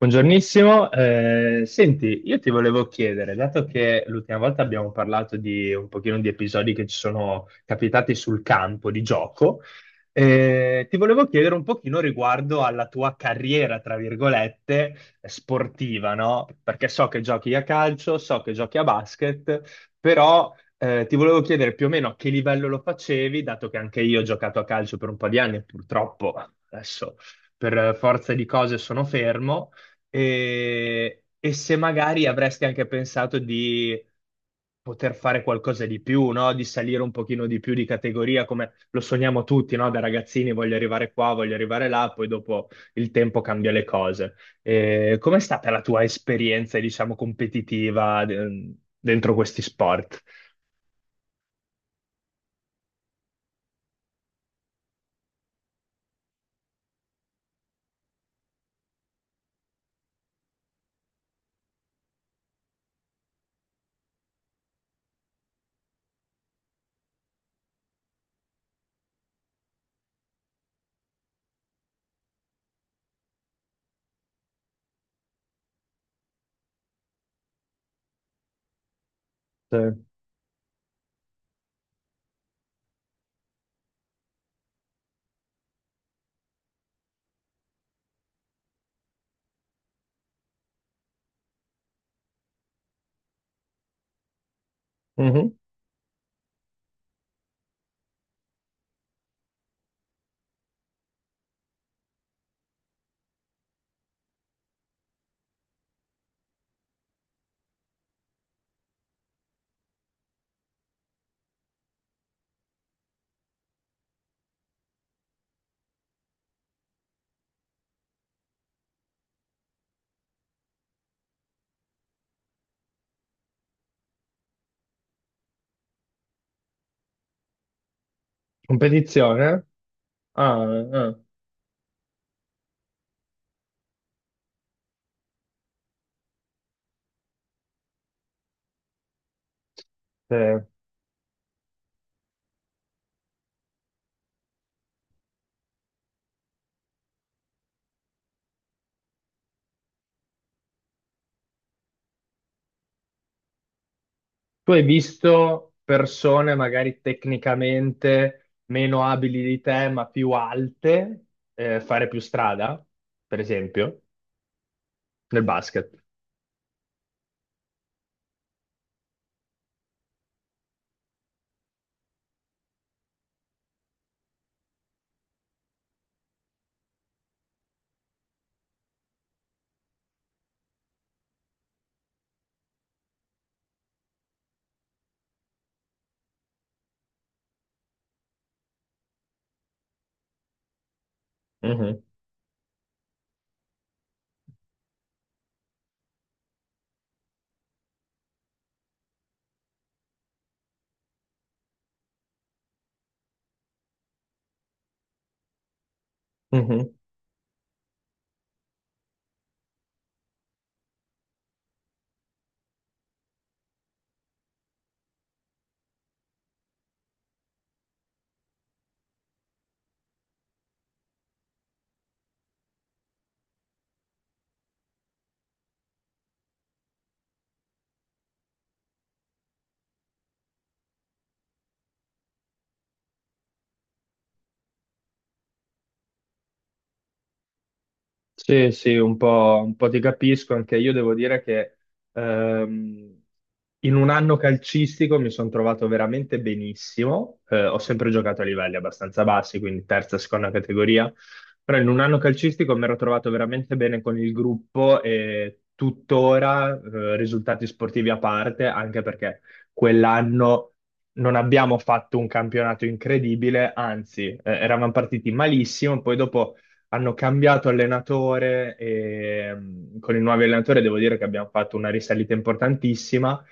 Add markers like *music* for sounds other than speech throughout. Buongiornissimo. Senti, io ti volevo chiedere, dato che l'ultima volta abbiamo parlato di un pochino di episodi che ci sono capitati sul campo di gioco, ti volevo chiedere un pochino riguardo alla tua carriera, tra virgolette, sportiva, no? Perché so che giochi a calcio, so che giochi a basket, però ti volevo chiedere più o meno a che livello lo facevi, dato che anche io ho giocato a calcio per un po' di anni. Purtroppo adesso per forza di cose sono fermo e se magari avresti anche pensato di poter fare qualcosa di più, no? Di salire un pochino di più di categoria, come lo sogniamo tutti, no? Da ragazzini, voglio arrivare qua, voglio arrivare là, poi dopo il tempo cambia le cose. E com'è stata la tua esperienza, diciamo, competitiva dentro questi sport? Sì. Mhm. Competizione? Ah, ah. Sì. Tu hai visto persone magari tecnicamente meno abili di te, ma più alte, fare più strada, per esempio, nel basket? Mhm, mhm. Sì, sì, un po' ti capisco, anche io devo dire che ehm, in un anno calcistico mi sono trovato veramente benissimo. Ho sempre giocato a livelli abbastanza bassi, quindi terza, seconda categoria, però in un anno calcistico mi ero trovato veramente bene con il gruppo e tuttora, risultati sportivi a parte, anche perché quell'anno non abbiamo fatto un campionato incredibile, anzi eravamo partiti malissimo. Poi dopo hanno cambiato allenatore e, con i nuovi allenatori devo dire che abbiamo fatto una risalita importantissima,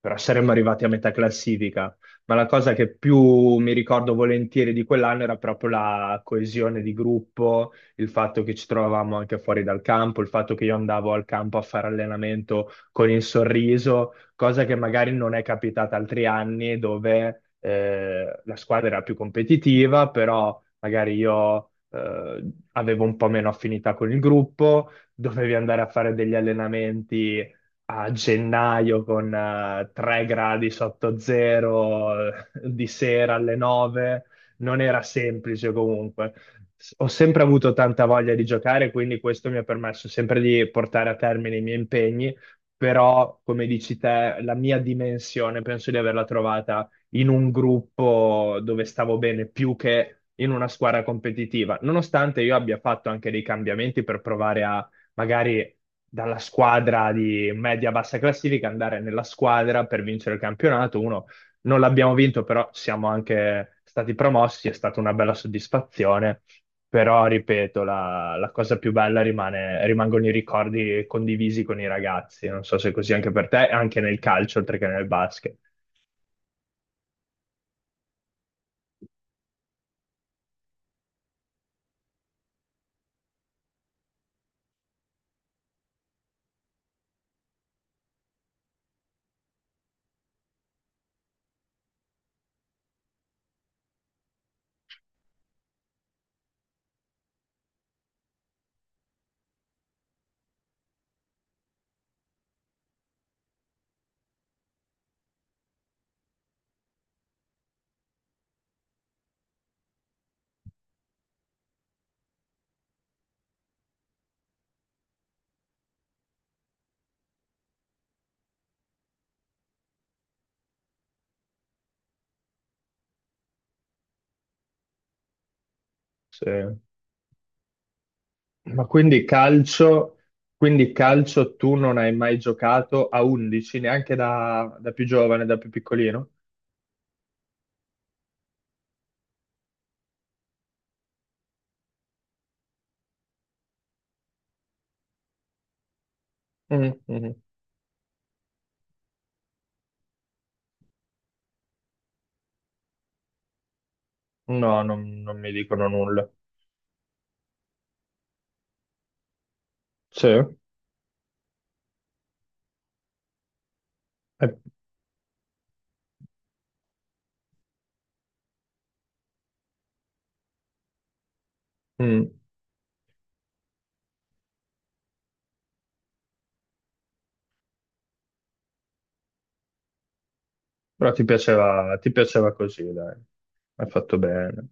però saremmo arrivati a metà classifica. Ma la cosa che più mi ricordo volentieri di quell'anno era proprio la coesione di gruppo, il fatto che ci trovavamo anche fuori dal campo, il fatto che io andavo al campo a fare allenamento con il sorriso, cosa che magari non è capitata altri anni, dove la squadra era più competitiva, però magari io avevo un po' meno affinità con il gruppo, dovevi andare a fare degli allenamenti a gennaio con 3 gradi sotto zero, di sera alle 9, non era semplice comunque. Ho sempre avuto tanta voglia di giocare, quindi questo mi ha permesso sempre di portare a termine i miei impegni. Però, come dici te, la mia dimensione penso di averla trovata in un gruppo dove stavo bene più che in una squadra competitiva, nonostante io abbia fatto anche dei cambiamenti per provare a magari, dalla squadra di media-bassa classifica, andare nella squadra per vincere il campionato. Uno non l'abbiamo vinto, però siamo anche stati promossi, è stata una bella soddisfazione. Però, ripeto, la cosa più bella rimane, rimangono i ricordi condivisi con i ragazzi. Non so se è così anche per te, anche nel calcio, oltre che nel basket. Sì. Ma quindi calcio tu non hai mai giocato a 11, neanche da, da più giovane, da più piccolino? Mm, mhm. No, non, non mi dicono nulla. Sì. Eh, mm. Però ti piaceva così, dai. Hai fatto bene.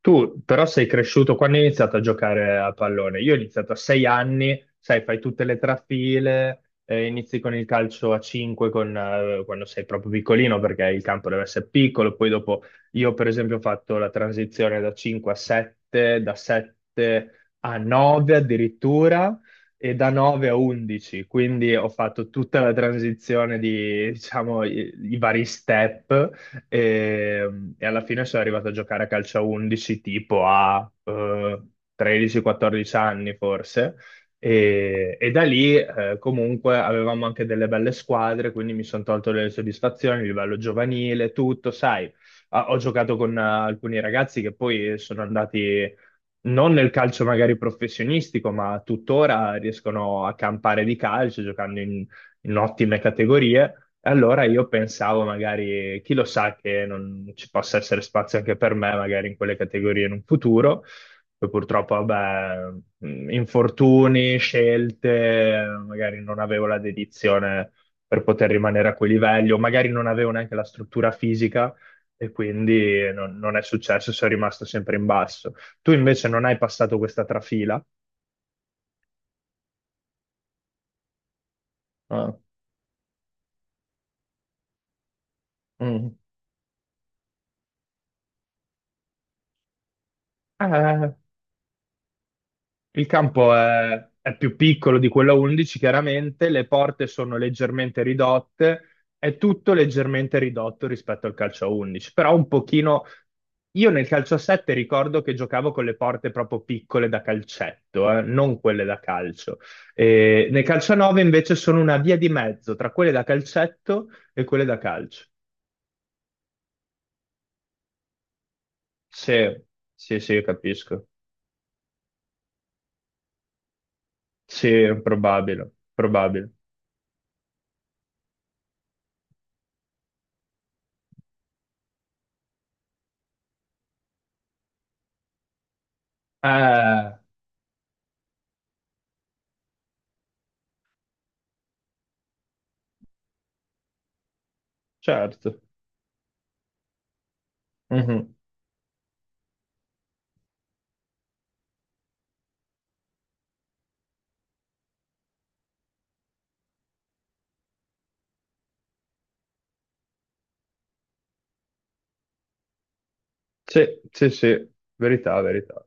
Tu però sei cresciuto quando hai iniziato a giocare a pallone. Io ho iniziato a 6 anni, sai, fai tutte le trafile, inizi con il calcio a 5 con, quando sei proprio piccolino perché il campo deve essere piccolo. Poi dopo io per esempio ho fatto la transizione da 5 a 7, da 7 a 9 addirittura e da 9 a 11, quindi ho fatto tutta la transizione di, diciamo, i vari step e alla fine sono arrivato a giocare a calcio a 11 tipo a 13-14 anni forse. E da lì comunque avevamo anche delle belle squadre, quindi mi sono tolto delle soddisfazioni a livello giovanile, tutto, sai. Ah, ho giocato con alcuni ragazzi che poi sono andati non nel calcio magari professionistico, ma tuttora riescono a campare di calcio giocando in, ottime categorie. E allora io pensavo magari, chi lo sa che non ci possa essere spazio anche per me, magari in quelle categorie in un futuro. Poi purtroppo, vabbè, infortuni, scelte, magari non avevo la dedizione per poter rimanere a quei livelli, o magari non avevo neanche la struttura fisica e quindi non è successo, sono rimasto sempre in basso. Tu invece non hai passato questa trafila. Ah, mm. Eh, il campo è più piccolo di quello a 11, chiaramente, le porte sono leggermente ridotte, è tutto leggermente ridotto rispetto al calcio a 11, però un pochino... Io nel calcio a 7 ricordo che giocavo con le porte proprio piccole da calcetto, non quelle da calcio. E nel calcio a 9 invece sono una via di mezzo tra quelle da calcetto e quelle da calcio. Sì, sì, sì, io capisco. Sì, probabile, probabile. Eh, certo. Mhm. Sì, sì, sì, verità, verità.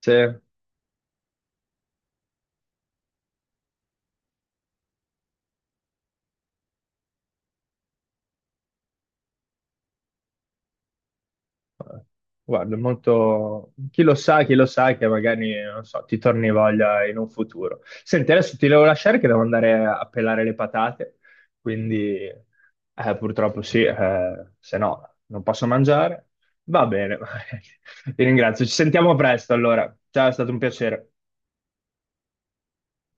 Sì. Guarda, molto... chi lo sa che magari, non so, ti torni voglia in un futuro. Senti, adesso ti devo lasciare che devo andare a pelare le patate, quindi purtroppo sì, se no non posso mangiare. Va bene, *laughs* ti ringrazio. Ci sentiamo presto allora. Ciao, è stato un piacere.